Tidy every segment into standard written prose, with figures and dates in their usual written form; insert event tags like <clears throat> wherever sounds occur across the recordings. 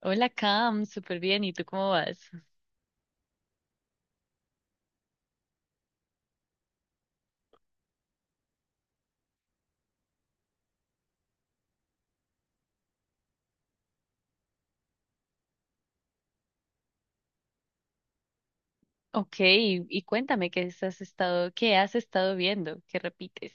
Hola Cam, súper bien. ¿Y tú cómo vas? Ok, y cuéntame qué has estado, viendo, qué repites.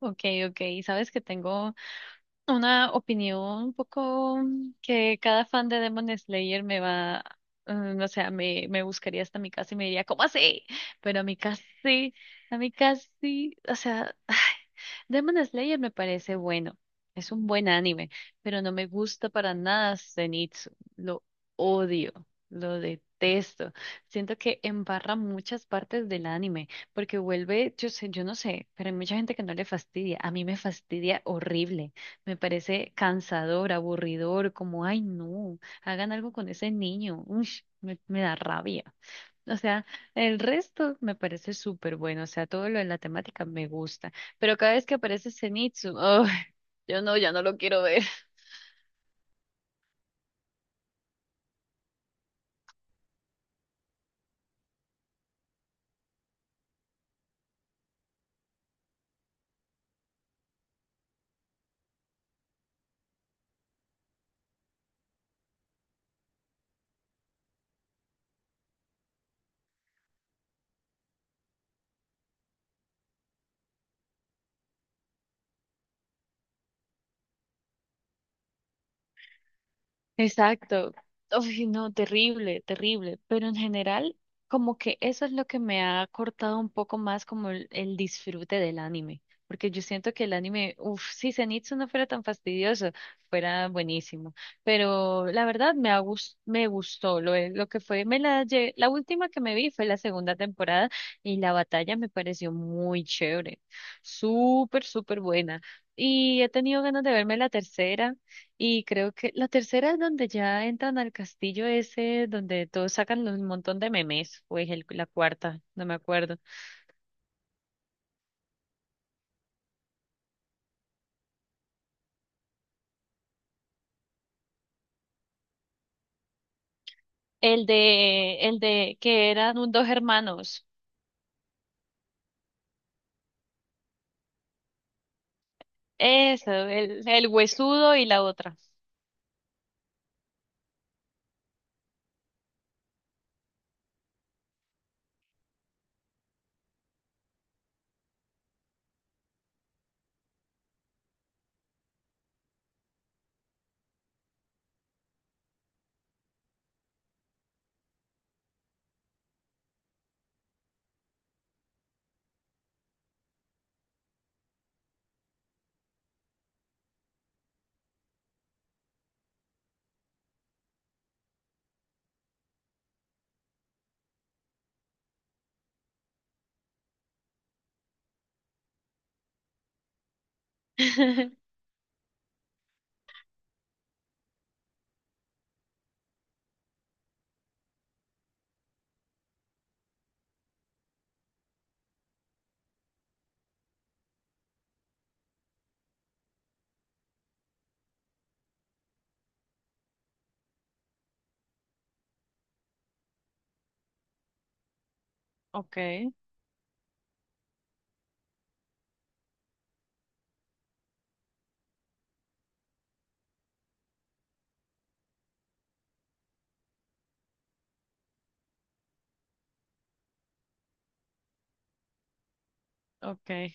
Ok, ok. Sabes que tengo una opinión un poco que cada fan de Demon Slayer me va, o sea, me buscaría hasta mi casa y me diría, ¿cómo así? Pero a mi casi, o sea, <sighs> ay, Demon Slayer me parece bueno, es un buen anime, pero no me gusta para nada Zenitsu, lo odio, lo detesto. Siento que embarra muchas partes del anime, porque vuelve, yo sé, yo no sé, pero hay mucha gente que no le fastidia, a mí me fastidia horrible. Me parece cansador, aburridor, como, ay, no, hagan algo con ese niño. Uy, me da rabia. O sea, el resto me parece súper bueno. O sea, todo lo de la temática me gusta. Pero cada vez que aparece Zenitsu, <laughs> ay, yo no, ya no lo quiero ver. Exacto. Uy, no, terrible, terrible. Pero en general, como que eso es lo que me ha cortado un poco más como el disfrute del anime. Porque yo siento que el anime, uff, si Zenitsu no fuera tan fastidioso, fuera buenísimo. Pero la verdad me gustó lo que fue. La última que me vi fue la segunda temporada y la batalla me pareció muy chévere. Súper, súper buena. Y he tenido ganas de verme la tercera. Y creo que la tercera es donde ya entran al castillo ese, donde todos sacan un montón de memes, pues la cuarta, no me acuerdo. El de que eran dos hermanos. Eso, el huesudo y la otra. <laughs> Okay, okay.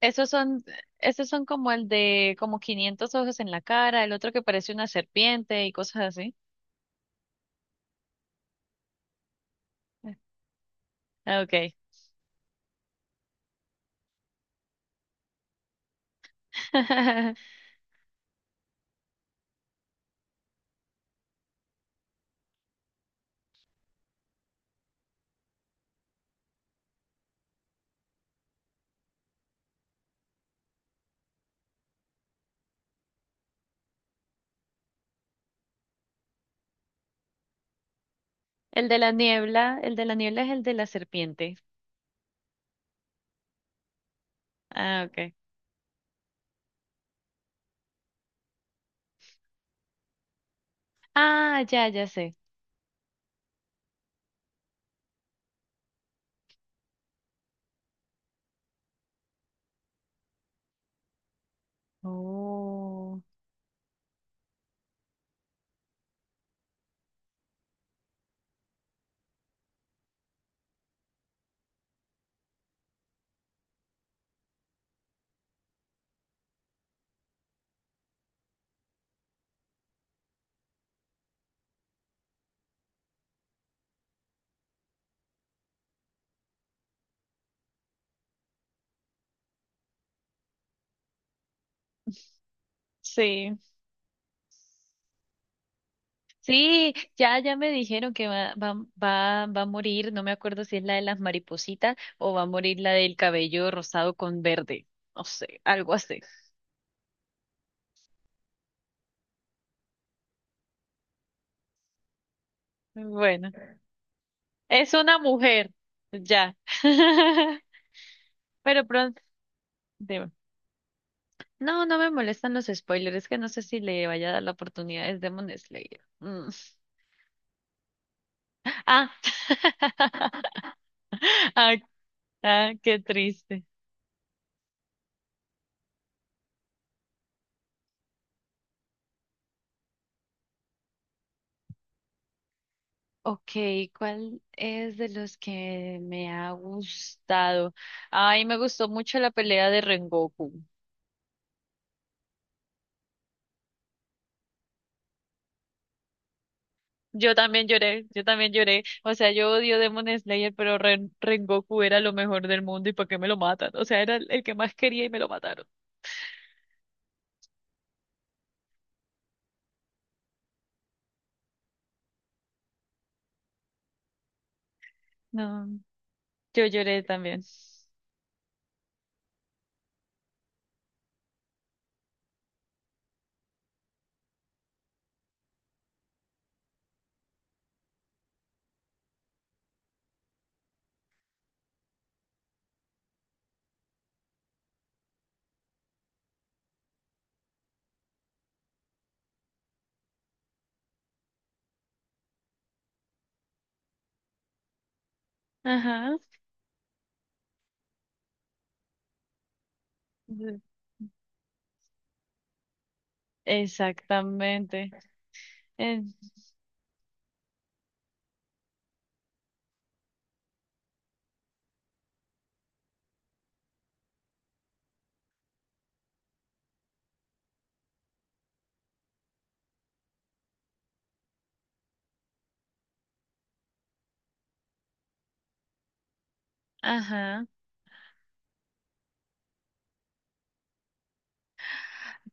Esos son, esos son como el de como 500 ojos en la cara, el otro que parece una serpiente y cosas así. Ah, okay. <laughs> El de la niebla, el de la niebla es el de la serpiente. Ah, ok. Ah, ya, ya sé. Oh. Sí. Sí, ya me dijeron que va, va, va a morir, no me acuerdo si es la de las maripositas o va a morir la del cabello rosado con verde, no sé, algo así. Bueno, es una mujer, ya. <laughs> Pero pronto, dime. No, no me molestan los spoilers, es que no sé si le vaya a dar la oportunidad, es Demon Slayer. Mm. Ah, <laughs> ah, ah, qué triste. Ok, ¿cuál es de los que me ha gustado? Ay, me gustó mucho la pelea de Rengoku. Yo también lloré, yo también lloré. O sea, yo odio Demon Slayer, pero Rengoku era lo mejor del mundo y ¿para qué me lo matan? O sea, era el que más quería y me lo mataron. No, yo lloré también. Ajá. Exactamente. Eh, ajá.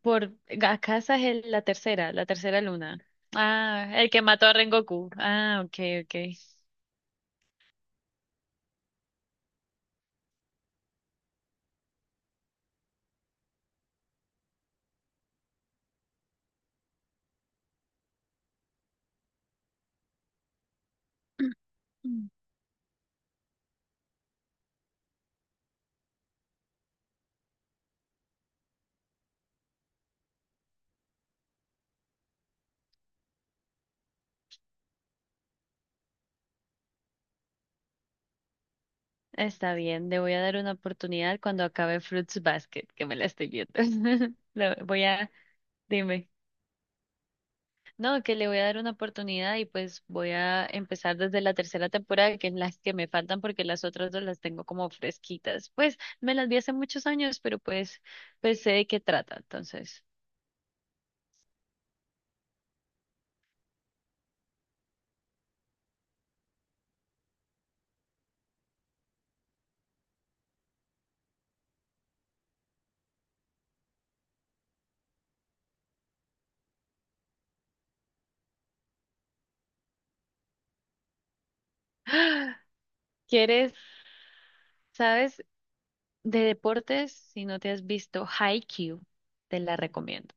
Por Gacaza es la tercera luna. Ah, el que mató a Rengoku. Ah, ok, ok. <clears throat> Mm. Está bien, le voy a dar una oportunidad cuando acabe Fruits Basket, que me la estoy viendo. <laughs> Le voy a, dime. No, que le voy a dar una oportunidad y pues voy a empezar desde la tercera temporada, que es las que me faltan porque las otras dos las tengo como fresquitas. Pues me las vi hace muchos años, pero pues, pues sé de qué trata. Entonces, <gasps> ¿quieres? ¿Sabes? De deportes, si no te has visto Haikyuu, te la recomiendo.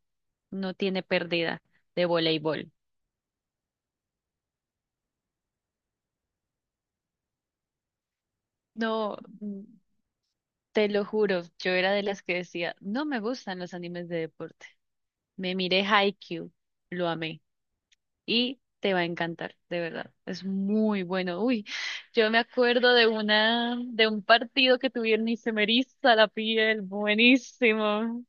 No tiene pérdida de voleibol. No, te lo juro, yo era de las que decía, no me gustan los animes de deporte. Me miré Haikyuu, lo amé y te va a encantar, de verdad. Es muy bueno. Uy, yo me acuerdo de una de un partido que tuvieron y se me eriza la piel, buenísimo.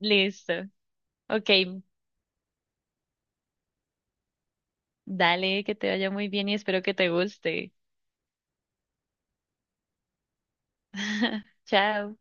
Listo. Ok, dale, que te vaya muy bien y espero que te guste. <laughs> Chao.